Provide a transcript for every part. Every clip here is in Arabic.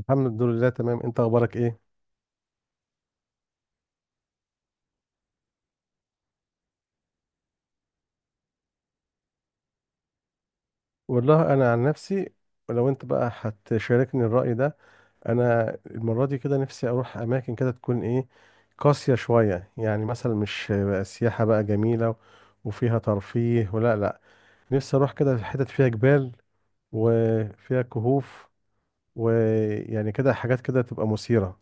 الحمد لله تمام، انت اخبارك ايه؟ والله انا عن نفسي، لو انت بقى هتشاركني الرأي ده، انا المرة دي كده نفسي اروح اماكن كده تكون ايه، قاسية شوية. يعني مثلا مش بقى سياحة بقى جميلة وفيها ترفيه ولا لا. نفسي اروح كده في حتت فيها جبال وفيها كهوف، ويعني كده حاجات كده تبقى مثيرة.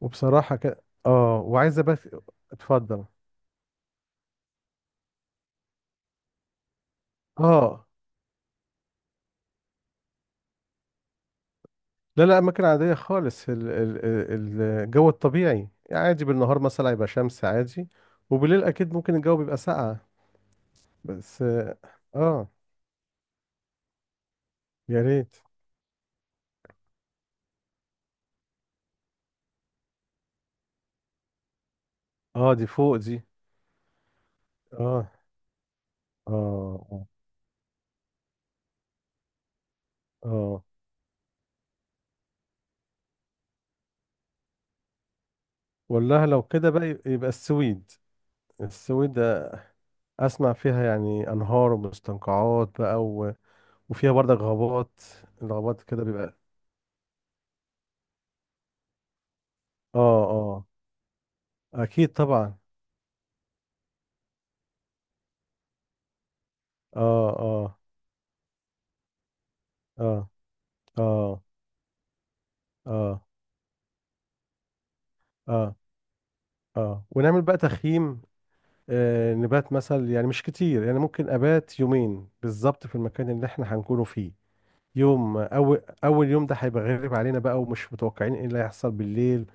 وبصراحة كده وعايزة بس. اتفضل. اه لا لا، أماكن عادية خالص. الجو الطبيعي يعني عادي، بالنهار مثلا هيبقى شمس عادي، وبالليل أكيد ممكن الجو بيبقى ساقع. بس آه يا ريت. دي فوق دي. آه آه آه والله لو كده بقى يبقى السويد. السويد. أسمع فيها يعني أنهار ومستنقعات بقى وفيها برضك غابات، الغابات كده بيبقى. آه آه أكيد طبعا. آه آه آه آه آه آه اه ونعمل بقى تخييم. نبات مثلا، يعني مش كتير، يعني ممكن ابات يومين بالظبط في المكان اللي احنا هنكونه فيه. يوم اول، اول يوم ده هيبقى غريب علينا بقى، ومش متوقعين ايه اللي هيحصل بالليل.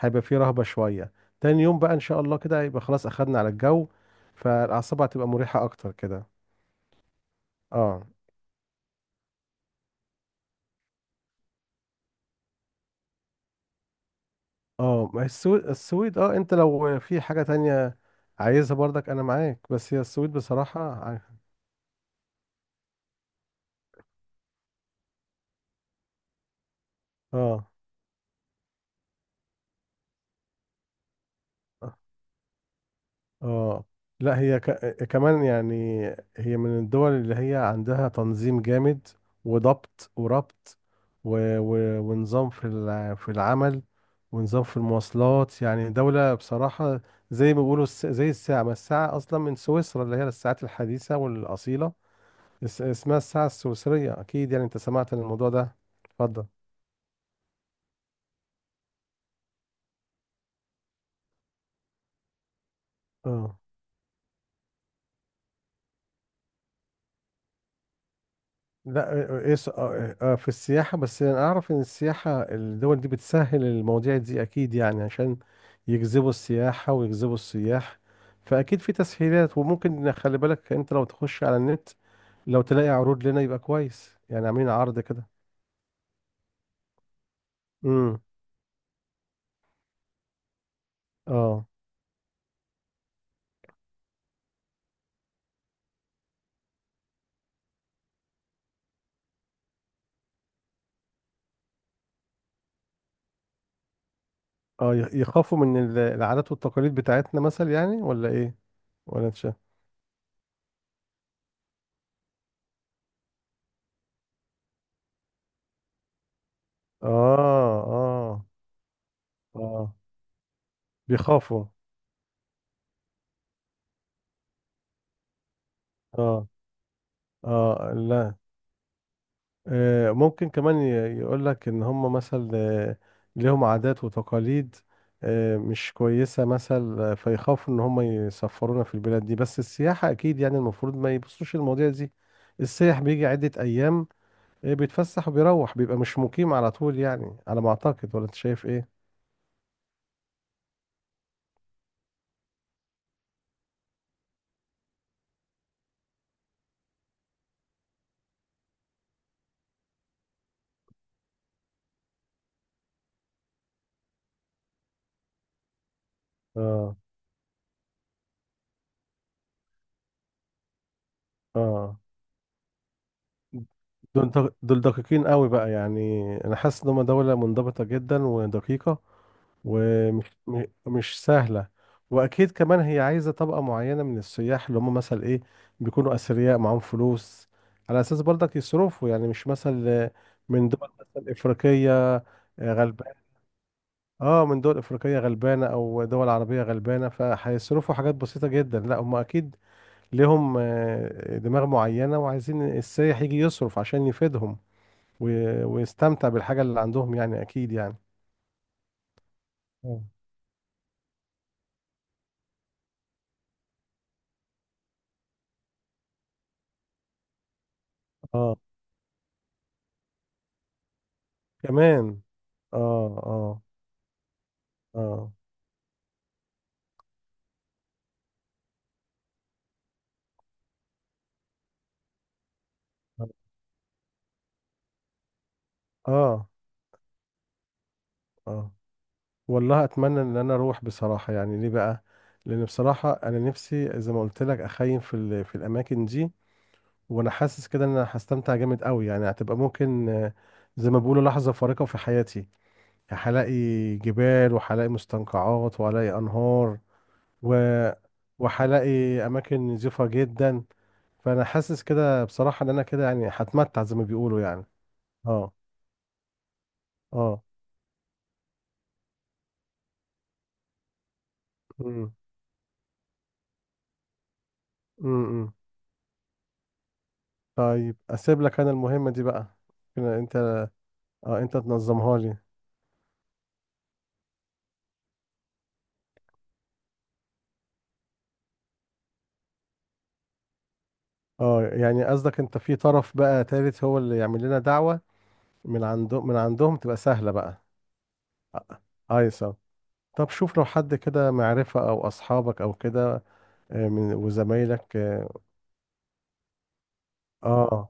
هيبقى فيه رهبة شوية. تاني يوم بقى ان شاء الله كده هيبقى خلاص اخدنا على الجو، فالاعصاب هتبقى مريحة اكتر كده. اه اه ما هي السويد، السويد. اه انت لو في حاجة تانية عايزها برضك انا معاك، بس هي السويد بصراحة اه اه لا. هي ك... آه، كمان يعني هي من الدول اللي هي عندها تنظيم جامد وضبط وربط، و... ونظام في في العمل، ونظام في المواصلات. يعني دولة بصراحة زي ما بيقولوا زي الساعة. ما الساعة أصلا من سويسرا، اللي هي الساعات الحديثة والأصيلة. اسمها الساعة السويسرية، أكيد يعني أنت سمعت عن الموضوع ده. اتفضل. اه لا. إيه س- آه، آه، آه، في السياحة، بس أنا أعرف إن السياحة، الدول دي بتسهل المواضيع دي أكيد، يعني عشان يجذبوا السياحة ويجذبوا السياح. فأكيد في تسهيلات. وممكن خلي بالك، أنت لو تخش على النت لو تلاقي عروض لنا يبقى كويس، يعني عاملين عرض كده. امم اه اه يخ- يخافوا من العادات والتقاليد بتاعتنا مثلا، يعني ولا إيه؟ ولا أنت شايف؟ آه آه آه بيخافوا. آه لا. ممكن كمان يقول لك ان هم مثلا ليهم عادات وتقاليد مش كويسة مثلا، فيخافوا ان هم يسفرونا في البلاد دي. بس السياحة اكيد، يعني المفروض ما يبصوش المواضيع دي. السياح بيجي عدة ايام، بيتفسح وبيروح، بيبقى مش مقيم على طول، يعني على ما اعتقد. ولا انت شايف ايه؟ اه اه دول دول دقيقين قوي بقى، يعني انا حاسس ان هم دولة منضبطة جدا ودقيقة، ومش مش سهلة. وأكيد كمان هي عايزة طبقة معينة من السياح، اللي هم مثلا إيه، بيكونوا أثرياء معاهم فلوس، على أساس برضك يصرفوا. يعني مش مثلا من دول مثلا إفريقية غلبانة. آه من دول إفريقية غلبانة أو دول عربية غلبانة، فهيصرفوا حاجات بسيطة جدا. لا هم أكيد لهم دماغ معينة، وعايزين السائح يجي يصرف عشان يفيدهم، واستمتع بالحاجة اللي عندهم، يعني أكيد يعني. اه اه كمان. اه اه اه اه اه والله اتمنى ان انا اروح بصراحه، يعني ليه بقى؟ لان بصراحه انا نفسي زي ما قلت لك، اخيم في في الاماكن دي. وانا حاسس كده ان انا هستمتع جامد قوي. يعني هتبقى ممكن زي ما بيقولوا لحظه فارقه في حياتي. هلاقي جبال وهلاقي مستنقعات وهلاقي انهار، و- وهلاقي اماكن نظيفه جدا. فانا حاسس كده بصراحه ان انا كده يعني هتمتع زي ما بيقولوا يعني. اه اه امم امم طيب اسيب لك انا المهمه دي بقى، كده انت. اه انت تنظمها لي. اه يعني قصدك انت في طرف بقى تالت هو اللي يعمل لنا دعوه، من عنده، من عندهم تبقى سهله بقى. آه، ايسر. طب شوف لو حد كده معرفه او اصحابك او كده، من وزمايلك. اه آه،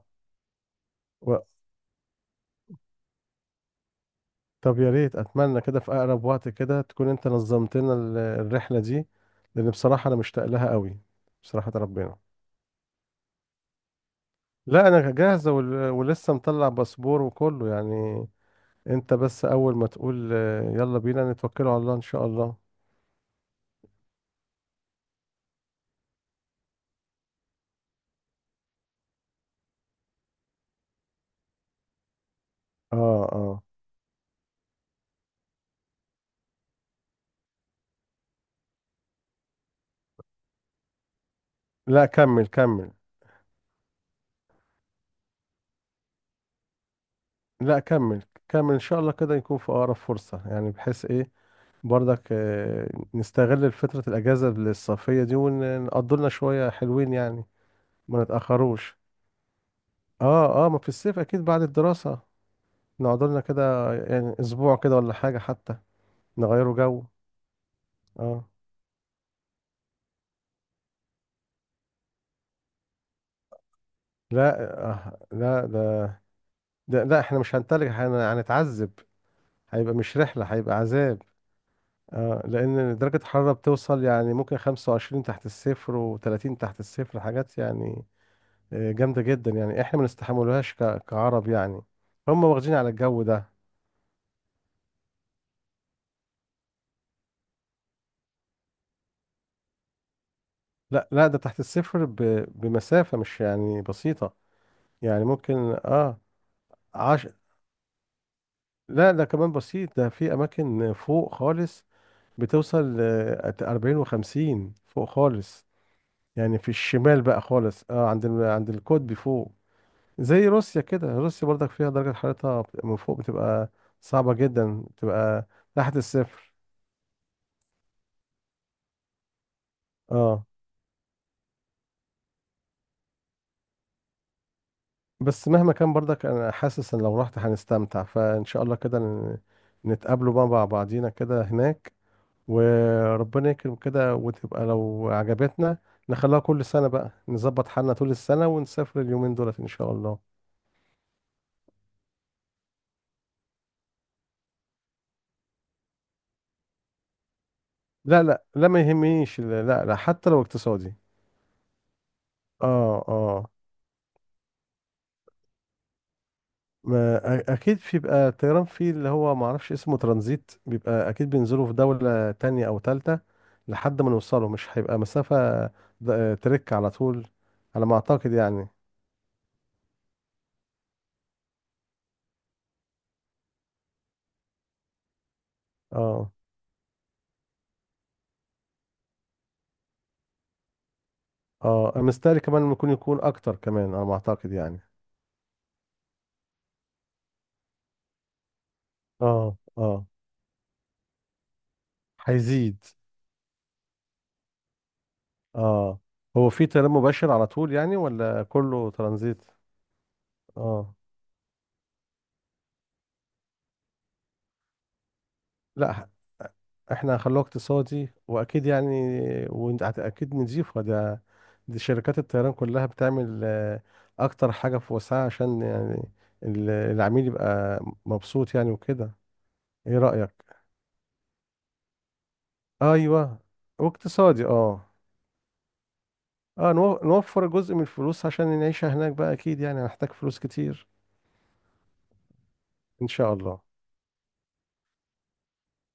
طب يا ريت اتمنى كده في اقرب وقت كده تكون انت نظمت لنا الرحله دي، لان بصراحه انا مشتاق لها قوي. بصراحه ربنا. لا انا جاهزه، ولسه مطلع باسبور وكله يعني. انت بس اول ما تقول يلا بينا نتوكلوا على الله ان شاء الله. اه اه لا كمل كمل. لا كمل كمل، ان شاء الله كده يكون في اقرب فرصه، يعني بحيث ايه، برضك نستغل فتره الاجازه الصيفيه دي ونقضوا لنا شويه حلوين يعني. ما نتاخروش. اه ما في الصيف اكيد بعد الدراسة، نقعد لنا كده يعني اسبوع كده ولا حاجة، حتى نغيره جو. اه لا. لا ده، لا احنا مش هنتلج، هنتعذب. هيبقى مش رحلة، هيبقى عذاب. اه لان درجة الحرارة بتوصل يعني ممكن 25 تحت الصفر و30 تحت الصفر، حاجات يعني جامدة جدا. يعني احنا ما نستحملوهاش كعرب يعني. هم واخدين على الجو ده. لا لا، ده تحت الصفر بمسافة مش يعني بسيطة. يعني ممكن. اه لا ده كمان بسيط، ده في اماكن فوق خالص بتوصل ل 40 و50 فوق خالص. يعني في الشمال بقى خالص، اه عند عند القطب فوق. زي روسيا كده، روسيا برضك فيها درجة حرارتها من فوق بتبقى صعبة جدا، بتبقى تحت الصفر. اه بس مهما كان برضك انا حاسس ان لو رحت هنستمتع. فان شاء الله كده نتقابلوا بقى مع بعضينا كده هناك. وربنا يكرم كده، وتبقى لو عجبتنا نخليها كل سنة بقى، نظبط حالنا طول السنة ونسافر اليومين دولت إن شاء الله. لا لا لا ما يهمنيش، لا لا لا، حتى لو اقتصادي. اه اه ما اكيد بيبقى الطيران فيه اللي هو ما اعرفش اسمه ترانزيت، بيبقى اكيد بينزلوا في دولة تانية او تالتة لحد ما نوصله، مش هيبقى مسافة ترك على طول. على ما اعتقد يعني. اه اه مستاهل كمان، ممكن يكون اكتر كمان على ما اعتقد يعني. اه اه هيزيد. اه هو في تنام مباشر على طول يعني ولا كله ترانزيت؟ اه لا احنا هنخلوه اقتصادي واكيد يعني، وانت اكيد نضيفه ده. دي شركات الطيران كلها بتعمل اكتر حاجة في وسعها عشان يعني العميل يبقى مبسوط يعني وكده. ايه رأيك؟ ايوه، واقتصادي اه. اه نو- نوفر جزء من الفلوس عشان نعيشها هناك بقى، اكيد يعني هنحتاج فلوس كتير. ان شاء الله.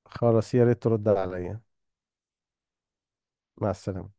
خلاص يا ريت ترد عليا. مع السلامة.